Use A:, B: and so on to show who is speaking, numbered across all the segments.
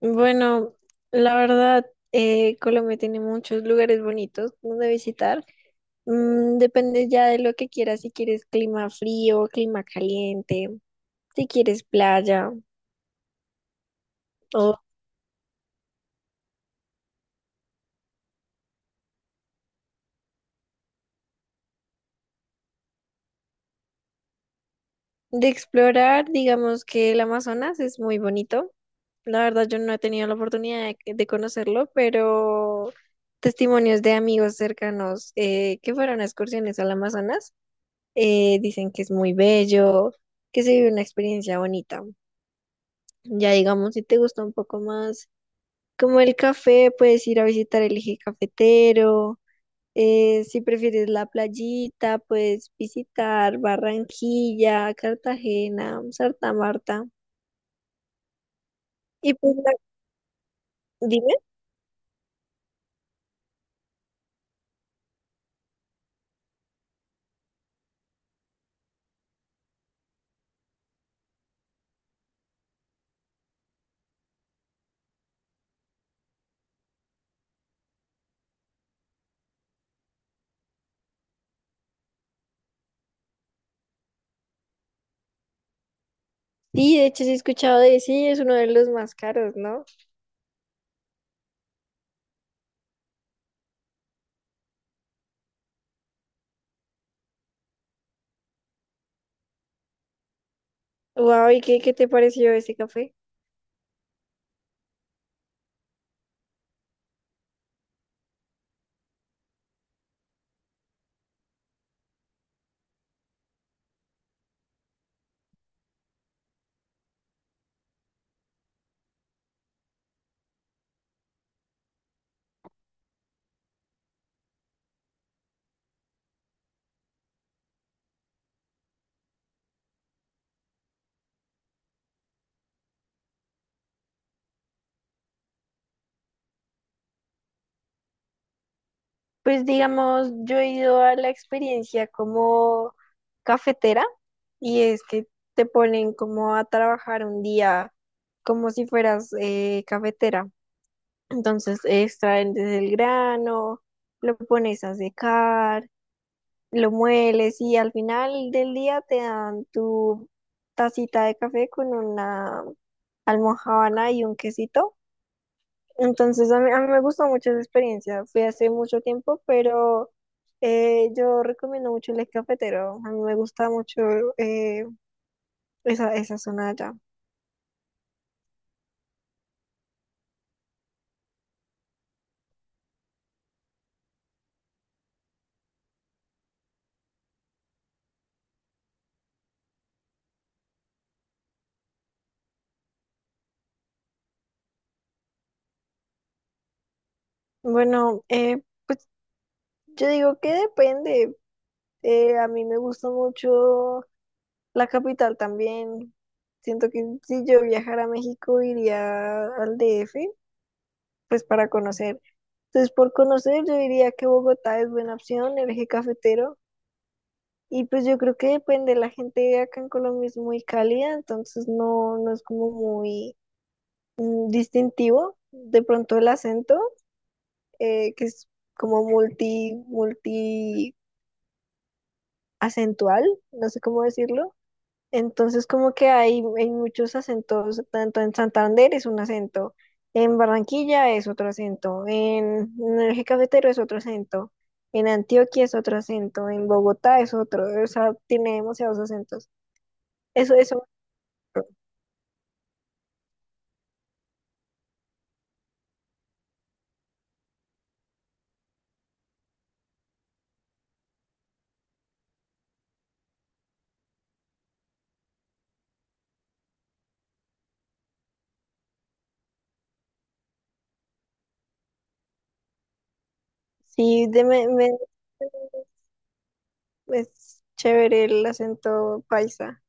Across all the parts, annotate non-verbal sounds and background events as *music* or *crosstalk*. A: Bueno, la verdad, Colombia tiene muchos lugares bonitos donde visitar. Depende ya de lo que quieras, si quieres clima frío, clima caliente, si quieres playa o de explorar, digamos que el Amazonas es muy bonito. La verdad, yo no he tenido la oportunidad de conocerlo, pero testimonios de amigos cercanos que fueron a excursiones al Amazonas dicen que es muy bello, que se vive una experiencia bonita. Ya digamos, si te gusta un poco más como el café, puedes ir a visitar el eje cafetero. Si prefieres la playita, puedes visitar Barranquilla, Cartagena, Santa Marta. Y pues, dime. Sí, de hecho, sí he escuchado de sí, es uno de los más caros, ¿no? Wow, ¿y qué te pareció ese café? Pues digamos, yo he ido a la experiencia como cafetera, y es que te ponen como a trabajar un día como si fueras cafetera. Entonces extraen desde el grano, lo pones a secar, lo mueles y al final del día te dan tu tacita de café con una almojábana y un quesito. Entonces, a mí me gustó mucho esa experiencia. Fue hace mucho tiempo, pero yo recomiendo mucho el cafetero. A mí me gusta mucho eh, esa zona de allá. Bueno, pues yo digo que depende. A mí me gusta mucho la capital también. Siento que si yo viajara a México, iría al DF, pues para conocer. Entonces, por conocer, yo diría que Bogotá es buena opción, el eje cafetero. Y pues yo creo que depende, la gente acá en Colombia es muy cálida, entonces no, no es como muy distintivo. De pronto el acento, que es como multi acentual, no sé cómo decirlo. Entonces como que hay muchos acentos, tanto en Santander es un acento, en Barranquilla es otro acento, en el eje cafetero es otro acento, en Antioquia es otro acento, en Bogotá es otro, o sea, tiene demasiados acentos. Eso. Sí, es chévere el acento paisa.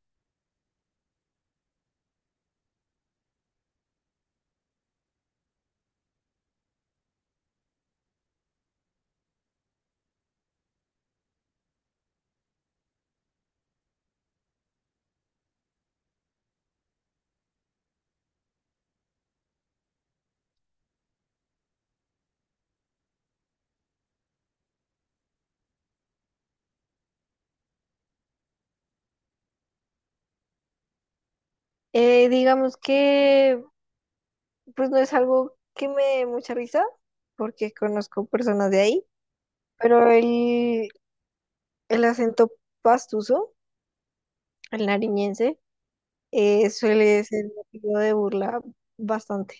A: Digamos que pues no es algo que me dé mucha risa, porque conozco personas de ahí, pero el acento pastuso, el nariñense, suele ser motivo de burla bastante.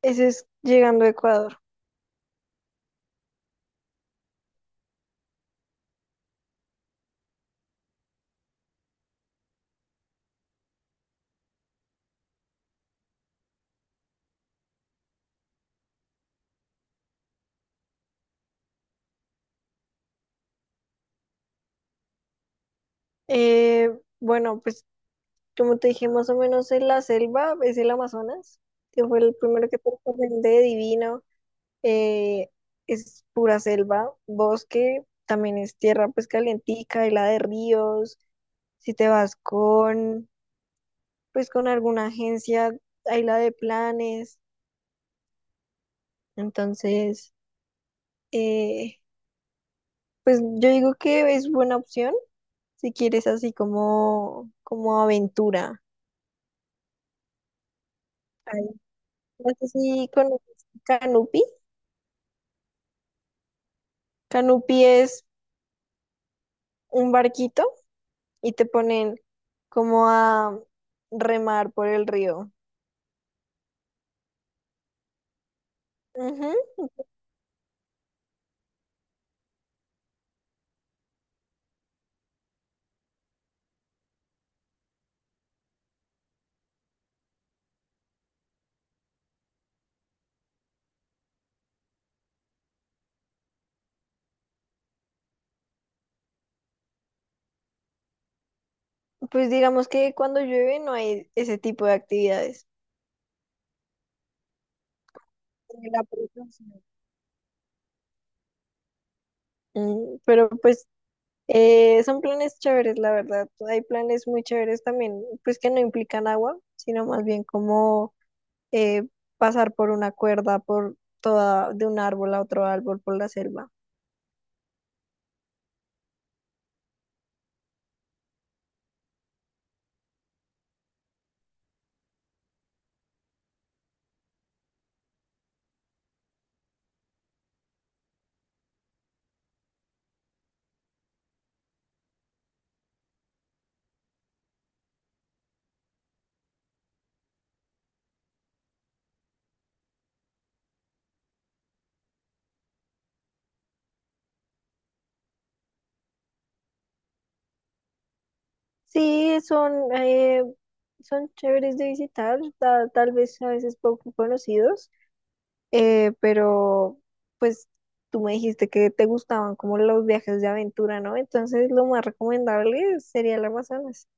A: Ese es llegando a Ecuador. Eh, bueno, pues como te dije, más o menos en la selva, es el Amazonas, que fue el primero que te recomendé, divino. eh, es pura selva, bosque, también es tierra pues calientica, y la de ríos, si te vas con pues con alguna agencia, hay la de planes, entonces eh, pues yo digo que es buena opción si quieres así como aventura. Ahí. No sé si conoces Canupi. Canupi es un barquito y te ponen como a remar por el río. Ujú. Pues digamos que cuando llueve no hay ese tipo de actividades. En la población. Pero pues son planes chéveres, la verdad. Hay planes muy chéveres también, pues que no implican agua, sino más bien como eh, pasar por una cuerda, por toda, de un árbol a otro árbol, por la selva. Sí, son chéveres de visitar, tal vez a veces poco conocidos. Pero pues tú me dijiste que te gustaban como los viajes de aventura, ¿no? Entonces lo más recomendable sería el Amazonas.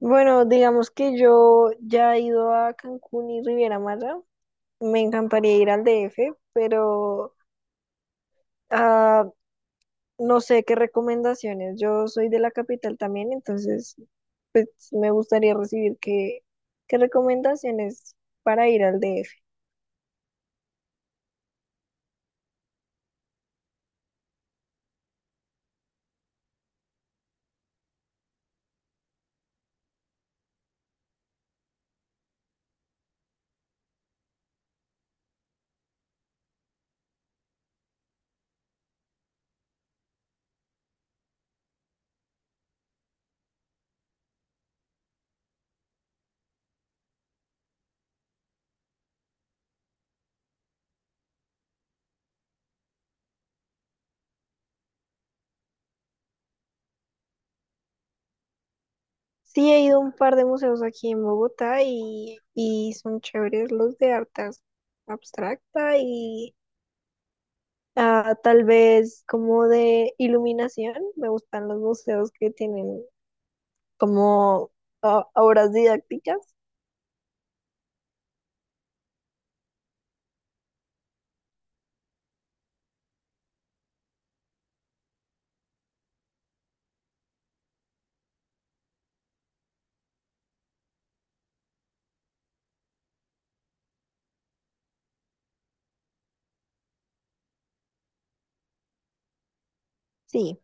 A: Bueno, digamos que yo ya he ido a Cancún y Riviera Maya. Me encantaría ir al DF, pero ah, no sé qué recomendaciones. Yo soy de la capital también, entonces pues, me gustaría recibir qué recomendaciones para ir al DF. Sí, he ido a un par de museos aquí en Bogotá y son chéveres los de artes abstracta y tal vez como de iluminación. Me gustan los museos que tienen como obras didácticas. Sí,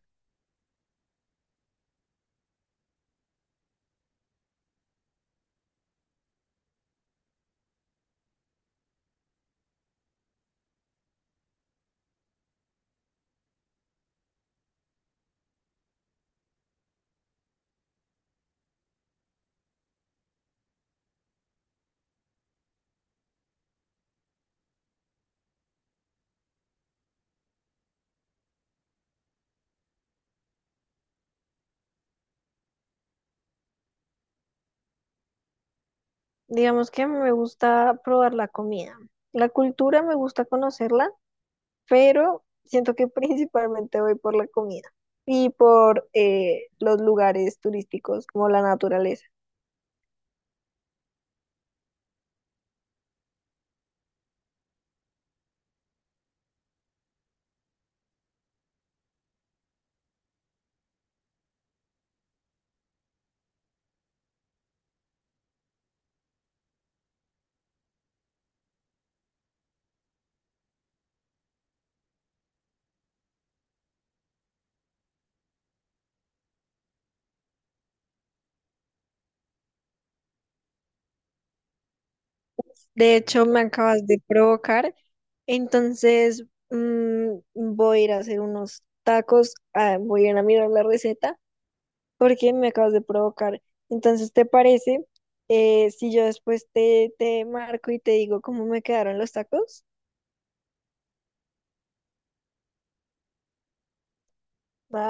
A: digamos que me gusta probar la comida. La cultura me gusta conocerla, pero siento que *laughs* principalmente voy por la comida y por los lugares turísticos como la naturaleza. De hecho, me acabas de provocar. Entonces, voy a ir a hacer unos tacos. Voy a ir a mirar la receta porque me acabas de provocar. Entonces, ¿te parece si yo después te marco y te digo cómo me quedaron los tacos? ¿Va?